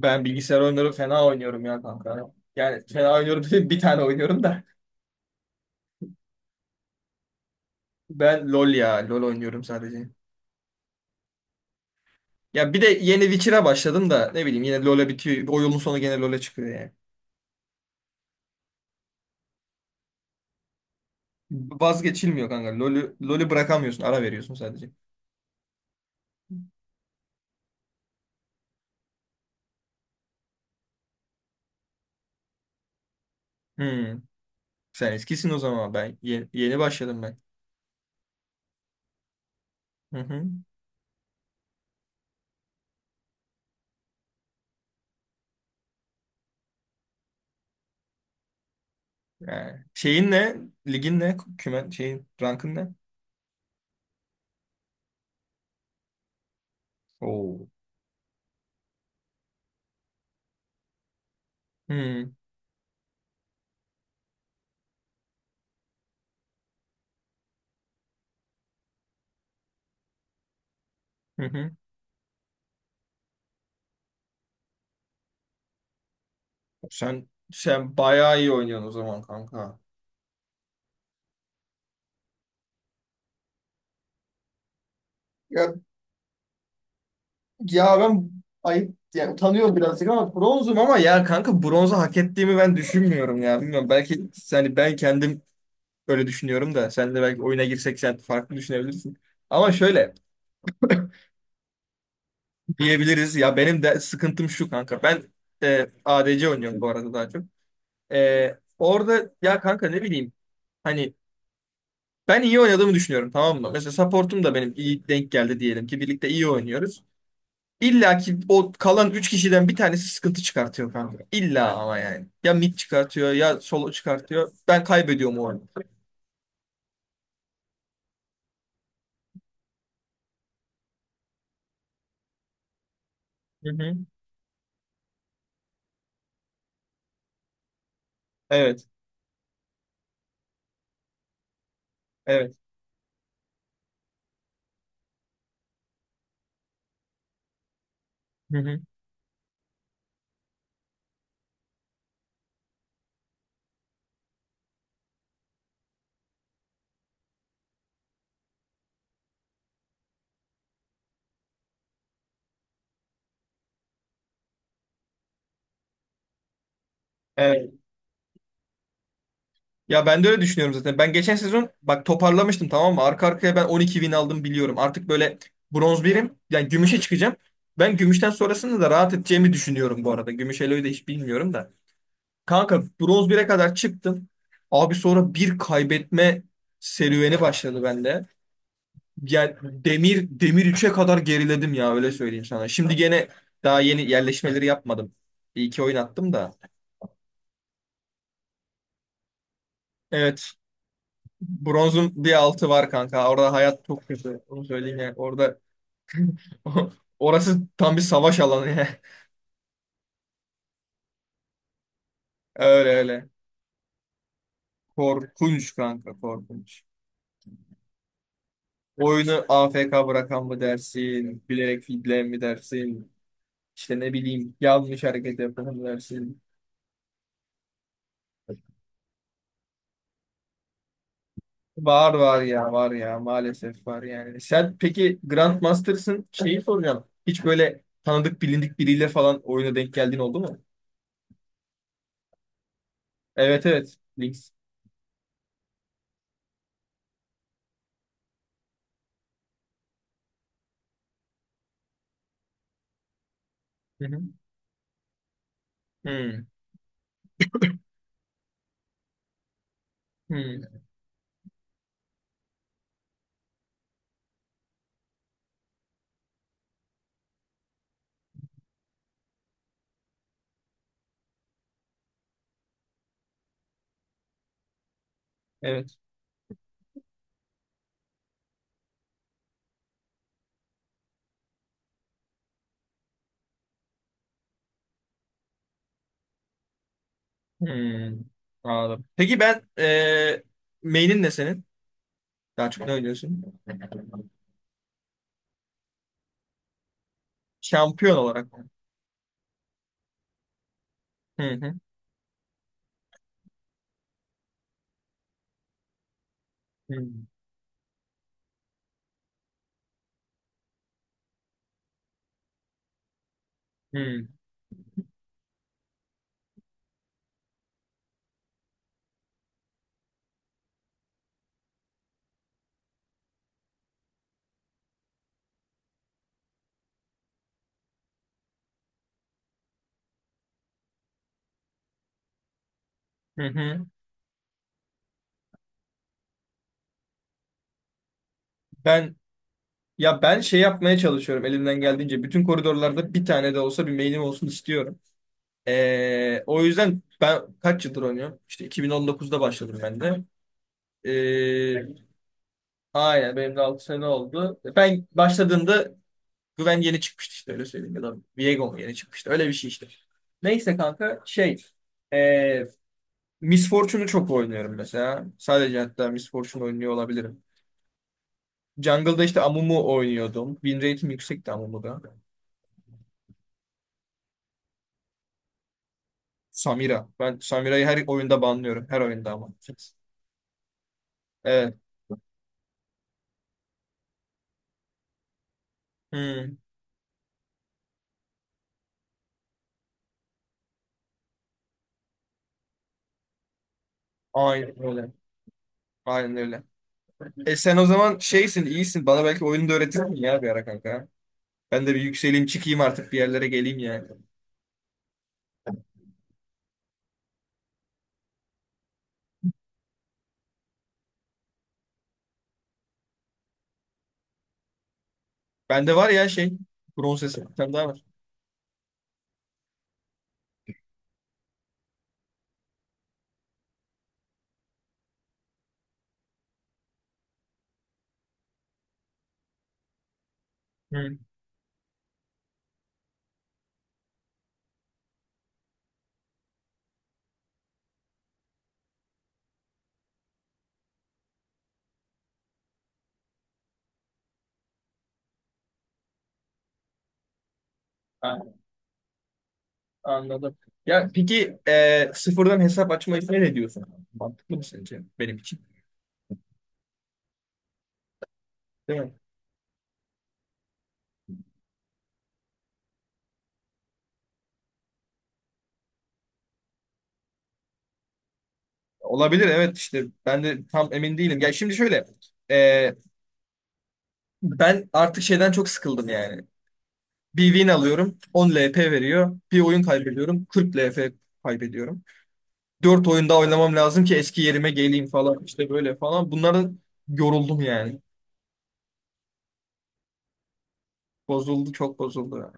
Ben bilgisayar oyunları fena oynuyorum ya kanka. Yani fena oynuyorum dedim bir tane oynuyorum da. Ben LoL ya. LoL oynuyorum sadece. Ya bir de yeni Witcher'a başladım da ne bileyim yine LoL'e bitiyor. O yolun sonu gene LoL'e çıkıyor yani. Vazgeçilmiyor kanka. LoL'ü bırakamıyorsun. Ara veriyorsun sadece. Hmm. Sen eskisin o zaman. Ben yeni başladım ben. Hı hı. Yani şeyin ne? Ligin ne? Kümen şeyin rankın ne? Oo. Hmm. Hı hı. Sen bayağı iyi oynuyorsun o zaman kanka. Ya Ya ben ayıp yani utanıyorum birazcık ama bronzum ama ya kanka bronzu hak ettiğimi ben düşünmüyorum ya. Bilmiyorum belki yani ben kendim öyle düşünüyorum da sen de belki oyuna girsek sen farklı düşünebilirsin. Ama şöyle diyebiliriz ya benim de sıkıntım şu kanka. Ben ADC oynuyorum bu arada daha çok. Orada ya kanka ne bileyim hani ben iyi oynadığımı düşünüyorum tamam mı? Mesela supportum da benim iyi denk geldi diyelim ki birlikte iyi oynuyoruz. İlla ki o kalan 3 kişiden bir tanesi sıkıntı çıkartıyor kanka. İlla ama yani. Ya mid çıkartıyor ya solo çıkartıyor. Ben kaybediyorum o oyunu. Hı hı. Evet. Evet. Hı hı. Evet. Ya ben de öyle düşünüyorum zaten. Ben geçen sezon bak toparlamıştım tamam mı? Arka arkaya ben 12 win aldım biliyorum. Artık böyle bronz birim. Yani gümüşe çıkacağım. Ben gümüşten sonrasında da rahat edeceğimi düşünüyorum bu arada. Gümüş Eloy'u da hiç bilmiyorum da. Kanka bronz bire kadar çıktım. Abi sonra bir kaybetme serüveni başladı bende. Yani demir üç'e kadar geriledim ya öyle söyleyeyim sana. Şimdi gene daha yeni yerleşmeleri yapmadım. Bir iki oyun attım da. Evet. Bronzun bir altı var kanka. Orada hayat çok kötü. Onu söyleyeyim yani. Orada orası tam bir savaş alanı ya. Öyle öyle. Korkunç kanka korkunç. Oyunu AFK bırakan mı dersin? Bilerek fidleyen mi dersin? İşte ne bileyim yanlış hareket yapan mı dersin? Var var ya var ya maalesef var yani. Sen peki Grandmaster'sın şeyi soracağım. Hiç böyle tanıdık bilindik biriyle falan oyuna denk geldiğin oldu mu? Evet evet. Links. Hı hı. Hmm. Hmm. Evet. Hmm. Anladım. Peki ben main'in ne senin? Daha çok ne oynuyorsun? Şampiyon olarak. Hı hı. Hı hı. Hı hı. Ben ben şey yapmaya çalışıyorum elimden geldiğince. Bütün koridorlarda bir tane de olsa bir main'im olsun istiyorum. O yüzden ben kaç yıldır oynuyorum? İşte 2019'da başladım ben de. Ee, aynen benim de 6 sene oldu. Ben başladığımda Güven yeni çıkmıştı işte öyle söyleyeyim ya da Viego mu yeni çıkmıştı öyle bir şey işte. Neyse kanka şey ee, Miss Fortune'u çok oynuyorum mesela. Sadece hatta Miss Fortune oynuyor olabilirim. Jungle'da işte Amumu oynuyordum. Win rate'im yüksekti Amumu'da. Samira. Ben Samira'yı her oyunda banlıyorum. Her oyunda ama. Evet. Hmm. Aynen öyle. Aynen öyle. E sen o zaman şeysin, iyisin. Bana belki oyunu da öğretirsin ya bir ara kanka. Ben de bir yükseleyim, çıkayım artık bir yerlere geleyim yani. Bende var ya şey, bronz hesap bir tane daha var. Hı. A- Anladım. Ya peki sıfırdan hesap açma sen ne diyorsun? Mantıklı mı sence benim için? Değil mi? Olabilir evet işte ben de tam emin değilim. Ya şimdi şöyle e, ben artık şeyden çok sıkıldım yani. Bir win alıyorum 10 LP veriyor. Bir oyun kaybediyorum 40 LP kaybediyorum. Dört oyunda oynamam lazım ki eski yerime geleyim falan işte böyle falan. Bunlara yoruldum yani. Bozuldu çok bozuldu yani.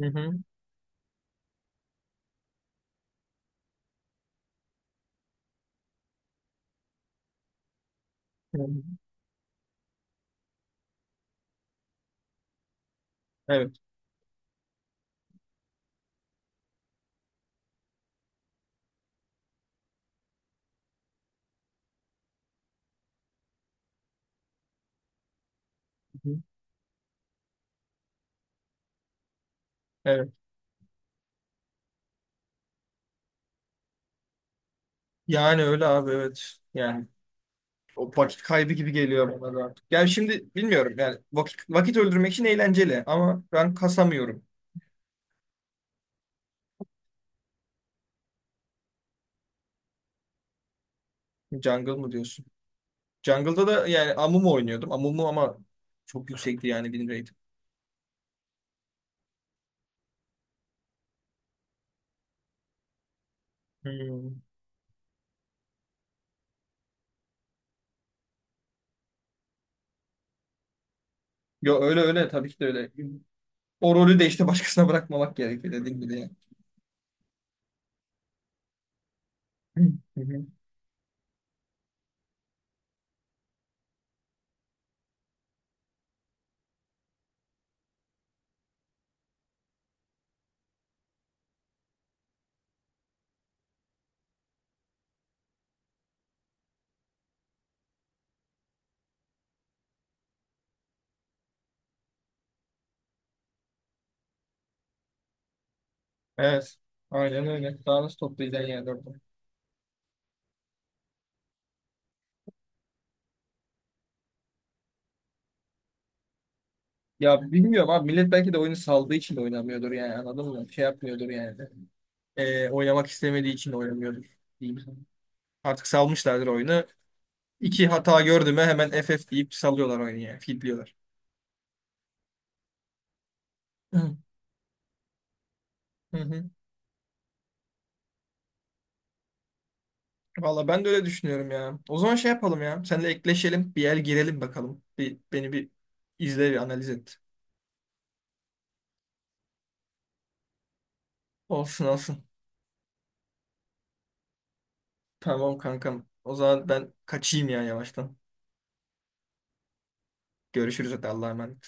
Hı hı. Hı hı. Evet. Hı hı. Evet. Yani öyle abi evet. Yani o vakit kaybı gibi geliyor bana da artık. Yani şimdi bilmiyorum yani vakit öldürmek için eğlenceli ama ben kasamıyorum. Jungle mı diyorsun? Jungle'da da yani Amumu oynuyordum. Amumu ama çok yüksekti yani benim rate'im. Hmm. Yo öyle öyle tabii ki de öyle. O rolü de işte başkasına bırakmamak gerekiyor dediğim gibi yani. Hı hı. Evet. Aynen öyle. Daha nasıl toplayacaksın yani orada? Ya bilmiyorum abi millet belki de oyunu saldığı için de oynamıyordur yani anladın mı? Şey yapmıyordur yani. Oynamak istemediği için de oynamıyordur diyeyim sana. Artık salmışlardır oyunu. İki hata gördü mü hemen FF deyip salıyorlar oyunu yani. Fitliyorlar. Hı hı. Hı. Valla ben de öyle düşünüyorum ya. O zaman şey yapalım ya. Seninle ekleşelim. Bir yer girelim bakalım. Bir, beni bir izle bir analiz et. Olsun olsun. Tamam kankam. O zaman ben kaçayım ya yavaştan. Görüşürüz hadi Allah'a emanet.